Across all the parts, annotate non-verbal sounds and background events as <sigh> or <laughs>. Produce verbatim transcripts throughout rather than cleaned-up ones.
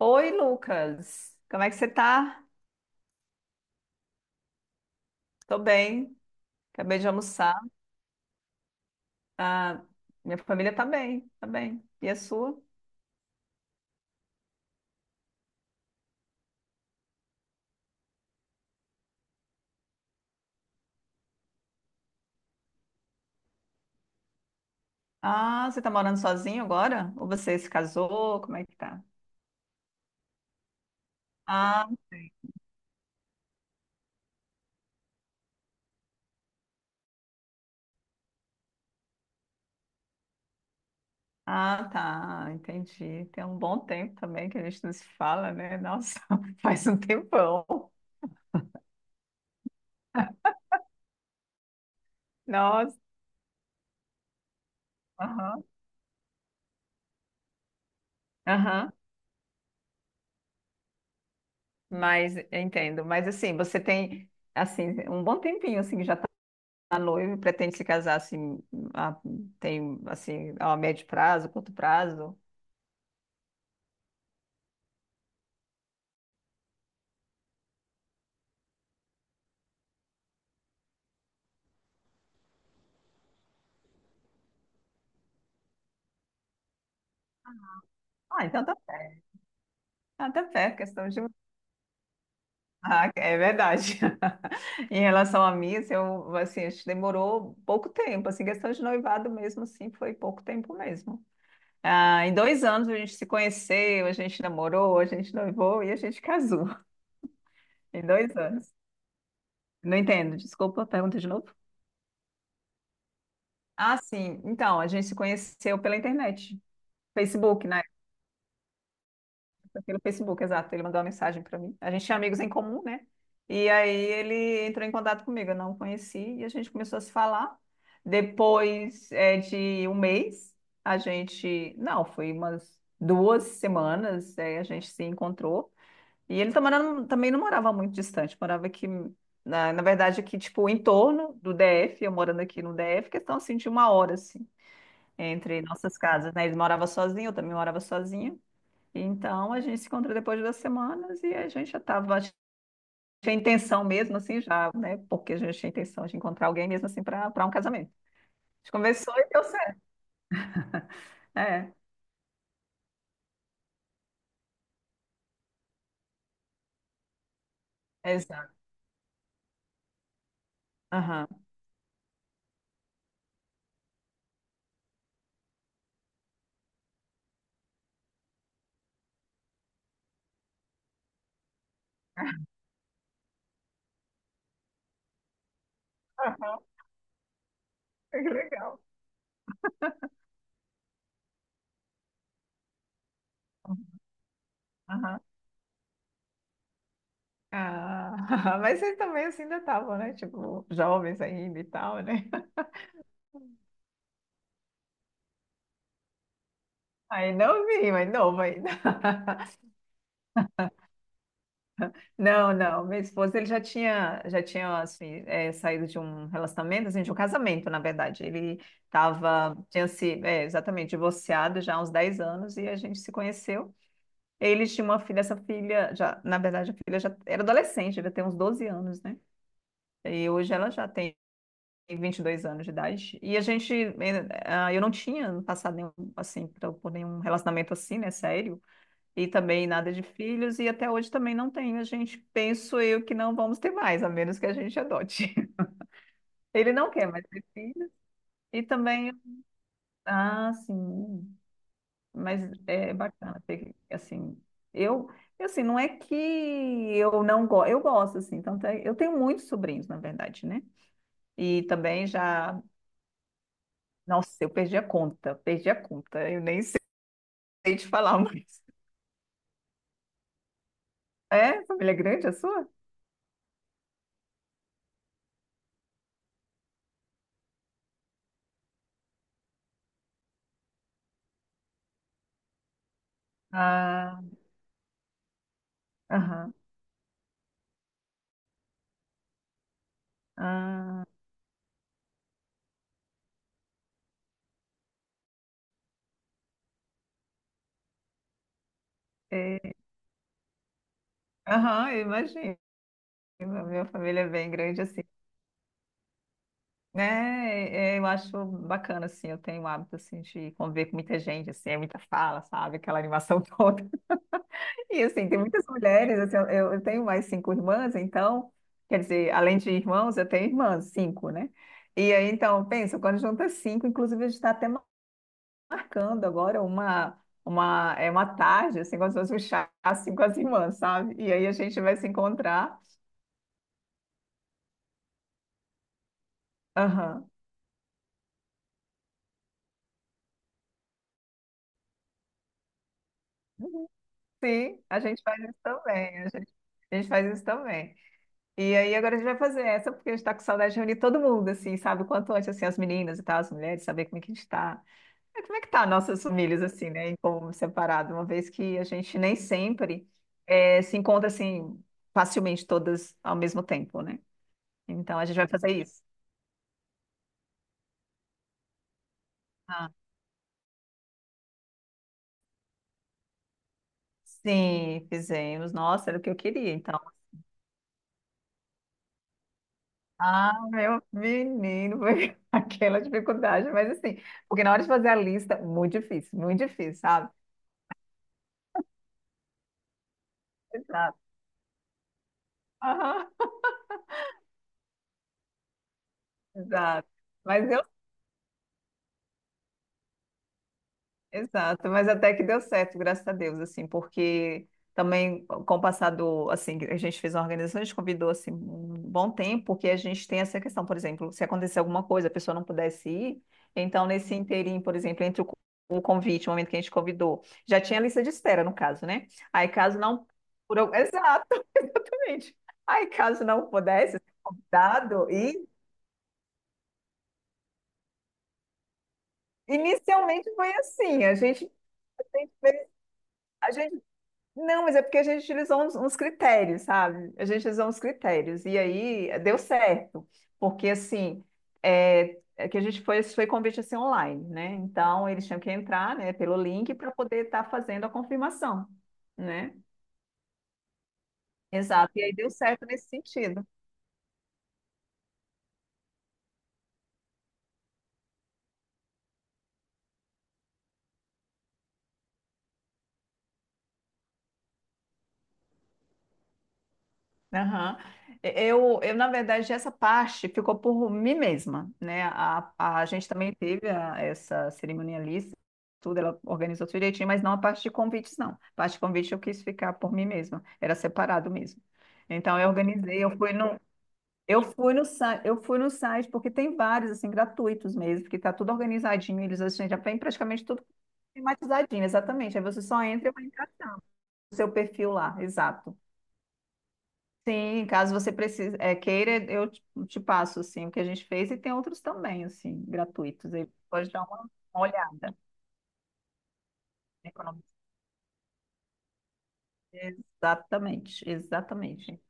Oi, Lucas. Como é que você tá? Tô bem. Acabei de almoçar. Ah, minha família tá bem, tá bem. E a sua? Ah, você tá morando sozinho agora? Ou você se casou? Como é que tá? Ah, ah, tá. Entendi. Tem um bom tempo também que a gente não se fala, né? Nossa, <laughs> faz um tempão. Nossa. Aham. Aham. Mas eu entendo. Mas assim, você tem assim um bom tempinho assim que já a noiva e pretende se casar assim, a, tem assim, a médio prazo, curto prazo? Ah, então tá certo. Ah, tá certo, questão de. Ah, é verdade. <laughs> Em relação a mim, assim, eu, assim, acho que demorou pouco tempo, assim, questão de noivado mesmo, assim, foi pouco tempo mesmo. Ah, em dois anos a gente se conheceu, a gente namorou, a gente noivou e a gente casou. <laughs> Em dois anos. Não entendo, desculpa, pergunta de novo. Ah, sim. Então, a gente se conheceu pela internet. Facebook, pelo Facebook, exato. Ele mandou uma mensagem para mim. A gente tinha amigos em comum, né? E aí ele entrou em contato comigo. Eu não o conheci e a gente começou a se falar. Depois é, de um mês, a gente. Não, foi umas duas semanas, é, a gente se encontrou. E ele também não, também não morava muito distante, morava aqui. Na, na verdade, aqui, tipo, em torno do D F, eu morando aqui no D F, questão assim de uma hora, assim, entre nossas casas, né? Ele morava sozinho, eu também morava sozinha. Então, a gente se encontrou depois de duas semanas e a gente já estava, a gente tinha intenção mesmo, assim, já, né? Porque a gente tinha intenção de encontrar alguém mesmo, assim, para para um casamento. A gente conversou e deu certo. É, exato. Aham. Aham, <laughs> que legal. Aham. Ah, <laughs> mas vocês também assim ainda estavam, né? Tipo, jovens ainda e tal, né? <laughs> Aí não vi, mas novo ainda. <laughs> Não, não. Meu esposo, ele já tinha, já tinha assim, é, saído de um relacionamento, assim, de um casamento, na verdade. Ele tava, tinha se, é, exatamente, divorciado já há uns dez anos e a gente se conheceu. Eles tinham uma filha, essa filha, já, na verdade, a filha já era adolescente, devia ter uns doze anos, né? E hoje ela já tem vinte e dois anos de idade. E a gente, eh, ah, eu não tinha passado nenhum, assim, pra- por nenhum relacionamento assim, né, sério. E também nada de filhos, e até hoje também não tenho. A gente, penso eu, que não vamos ter mais, a menos que a gente adote. <laughs> Ele não quer mais ter filhos, e também, ah, sim, mas é bacana ter, assim, eu, assim, não é que eu não gosto, eu gosto, assim, tanto é, eu tenho muitos sobrinhos, na verdade, né? E também já, nossa, eu perdi a conta, perdi a conta, eu nem sei <laughs> te falar mais. É? Família grande a sua? Ah, aham. Ah, é, aham, eu imagino. A minha família é bem grande assim, né? É, eu acho bacana, assim, eu tenho o hábito, assim, de conviver com muita gente, assim, é muita fala, sabe? Aquela animação toda. <laughs> E, assim, tem muitas mulheres, assim, eu, eu tenho mais cinco irmãs, então, quer dizer, além de irmãos, eu tenho irmãs, cinco, né? E aí, então, pensa, quando junta cinco, inclusive a gente está até marcando agora uma, uma, é uma tarde, assim, como se fosse um chá, assim, com as irmãs, sabe? E aí a gente vai se encontrar. Aham. Sim, a gente faz isso também. A gente, a gente faz isso também. E aí agora a gente vai fazer essa, porque a gente tá com saudade de reunir todo mundo, assim, sabe? O quanto antes, assim, as meninas e tal, as mulheres, saber como é que a gente tá. É, como é que tá nossas famílias, assim, né? Em como separado, uma vez que a gente nem sempre eh, se encontra, assim, facilmente todas ao mesmo tempo, né? Então a gente vai fazer isso. Ah, sim, fizemos. Nossa, era o que eu queria. Então. Ah, meu menino, foi <laughs> aquela dificuldade, mas assim, porque na hora de fazer a lista, muito difícil, muito difícil, sabe? Exato. Aham, exato. Mas eu exato, mas até que deu certo, graças a Deus, assim, porque também com o passar do, assim, a gente fez uma organização, a gente convidou, assim, um bom tempo, porque a gente tem essa questão, por exemplo, se acontecer alguma coisa, a pessoa não pudesse ir, então nesse inteirinho, por exemplo, entre o, co- o convite, o momento que a gente convidou, já tinha a lista de espera, no caso, né? Aí caso não, por, al- exato, <laughs> exatamente, aí caso não pudesse ser convidado, e inicialmente foi assim, a gente não, mas é porque a gente utilizou uns, uns critérios, sabe? A gente utilizou uns critérios. E aí eh, deu certo. Porque assim, é, é que a gente foi, foi convite assim online, né? Então eles tinham que entrar, né, pelo link para poder estar fazendo a confirmação, né? Exato. E aí deu certo nesse sentido. Aham. Eu, eu, na verdade, essa parte ficou por mim mesma, né? A, a gente também teve a- essa cerimonialista, tudo, ela organizou tudo direitinho, mas não a parte de convites, não. A parte de convite eu quis ficar por mim mesma, era separado mesmo. Então, eu organizei, eu fui no, eu fui no, sa- eu fui no site, porque tem vários, assim, gratuitos mesmo, que tá tudo organizadinho, eles, assim, já vem praticamente tudo tematizadinho, exatamente. Aí você só entra e vai entrar no seu perfil lá, exato. Sim, caso você precise, é, queira, eu te te passo assim, o que a gente fez e tem outros também, assim, gratuitos. Aí pode dar uma uma olhada. Economia. Exatamente, exatamente.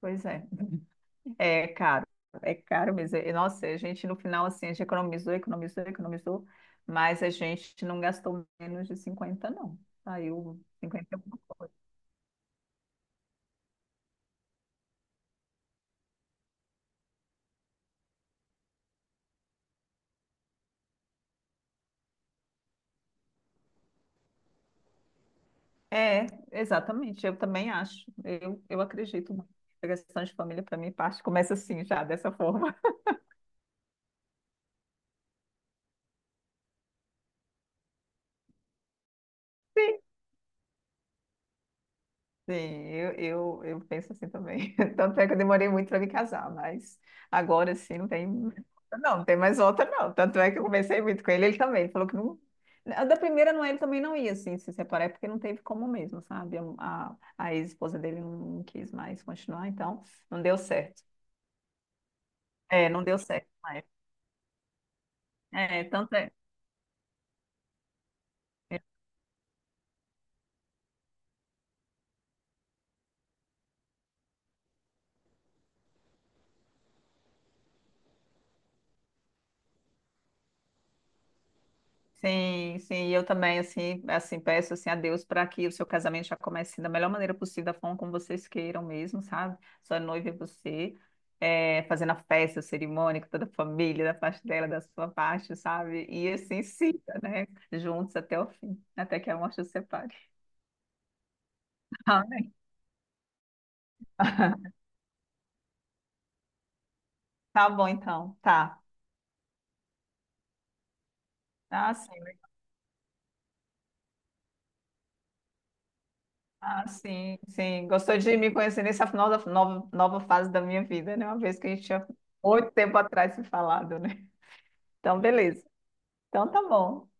Pois é. <laughs> É caro, é caro mesmo. E, nossa, a gente no final, assim, a gente economizou, economizou, economizou, mas a gente não gastou menos de cinquenta não. Saiu cinquenta e alguma coisa. É, exatamente, eu também acho. Eu, eu acredito muito. A questão de família, para mim, parte começa assim, já, dessa forma. Sim, sim, eu, eu, eu penso assim também. <laughs> Tanto é que eu demorei muito para me casar, mas agora sim não tem. Não, não tem mais volta, não. Tanto é que eu conversei muito com ele, ele também. Ele falou que não. a Da primeira, não, ele também não ia assim, se separar, é porque não teve como mesmo, sabe? A, a, a ex-esposa dele não quis mais continuar, então não deu certo. É, não deu certo na época. É, tanto é. Sim, sim, e eu também assim, assim peço assim a Deus para que o seu casamento já comece da melhor maneira possível, da forma como vocês queiram mesmo, sabe? Sua noiva é você, é, fazendo a festa, a cerimônia com toda a família, da parte dela, da sua parte, sabe? E assim siga, né? Juntos até o fim, até que a morte os separe. <laughs> Amém. <laughs> Tá bom então, tá. Ah, sim, ah, sim, sim. Gostou de me conhecer nessa nova, nova, nova fase da minha vida, né? Uma vez que a gente tinha muito tempo atrás se falado, né? Então, beleza. Então, tá bom.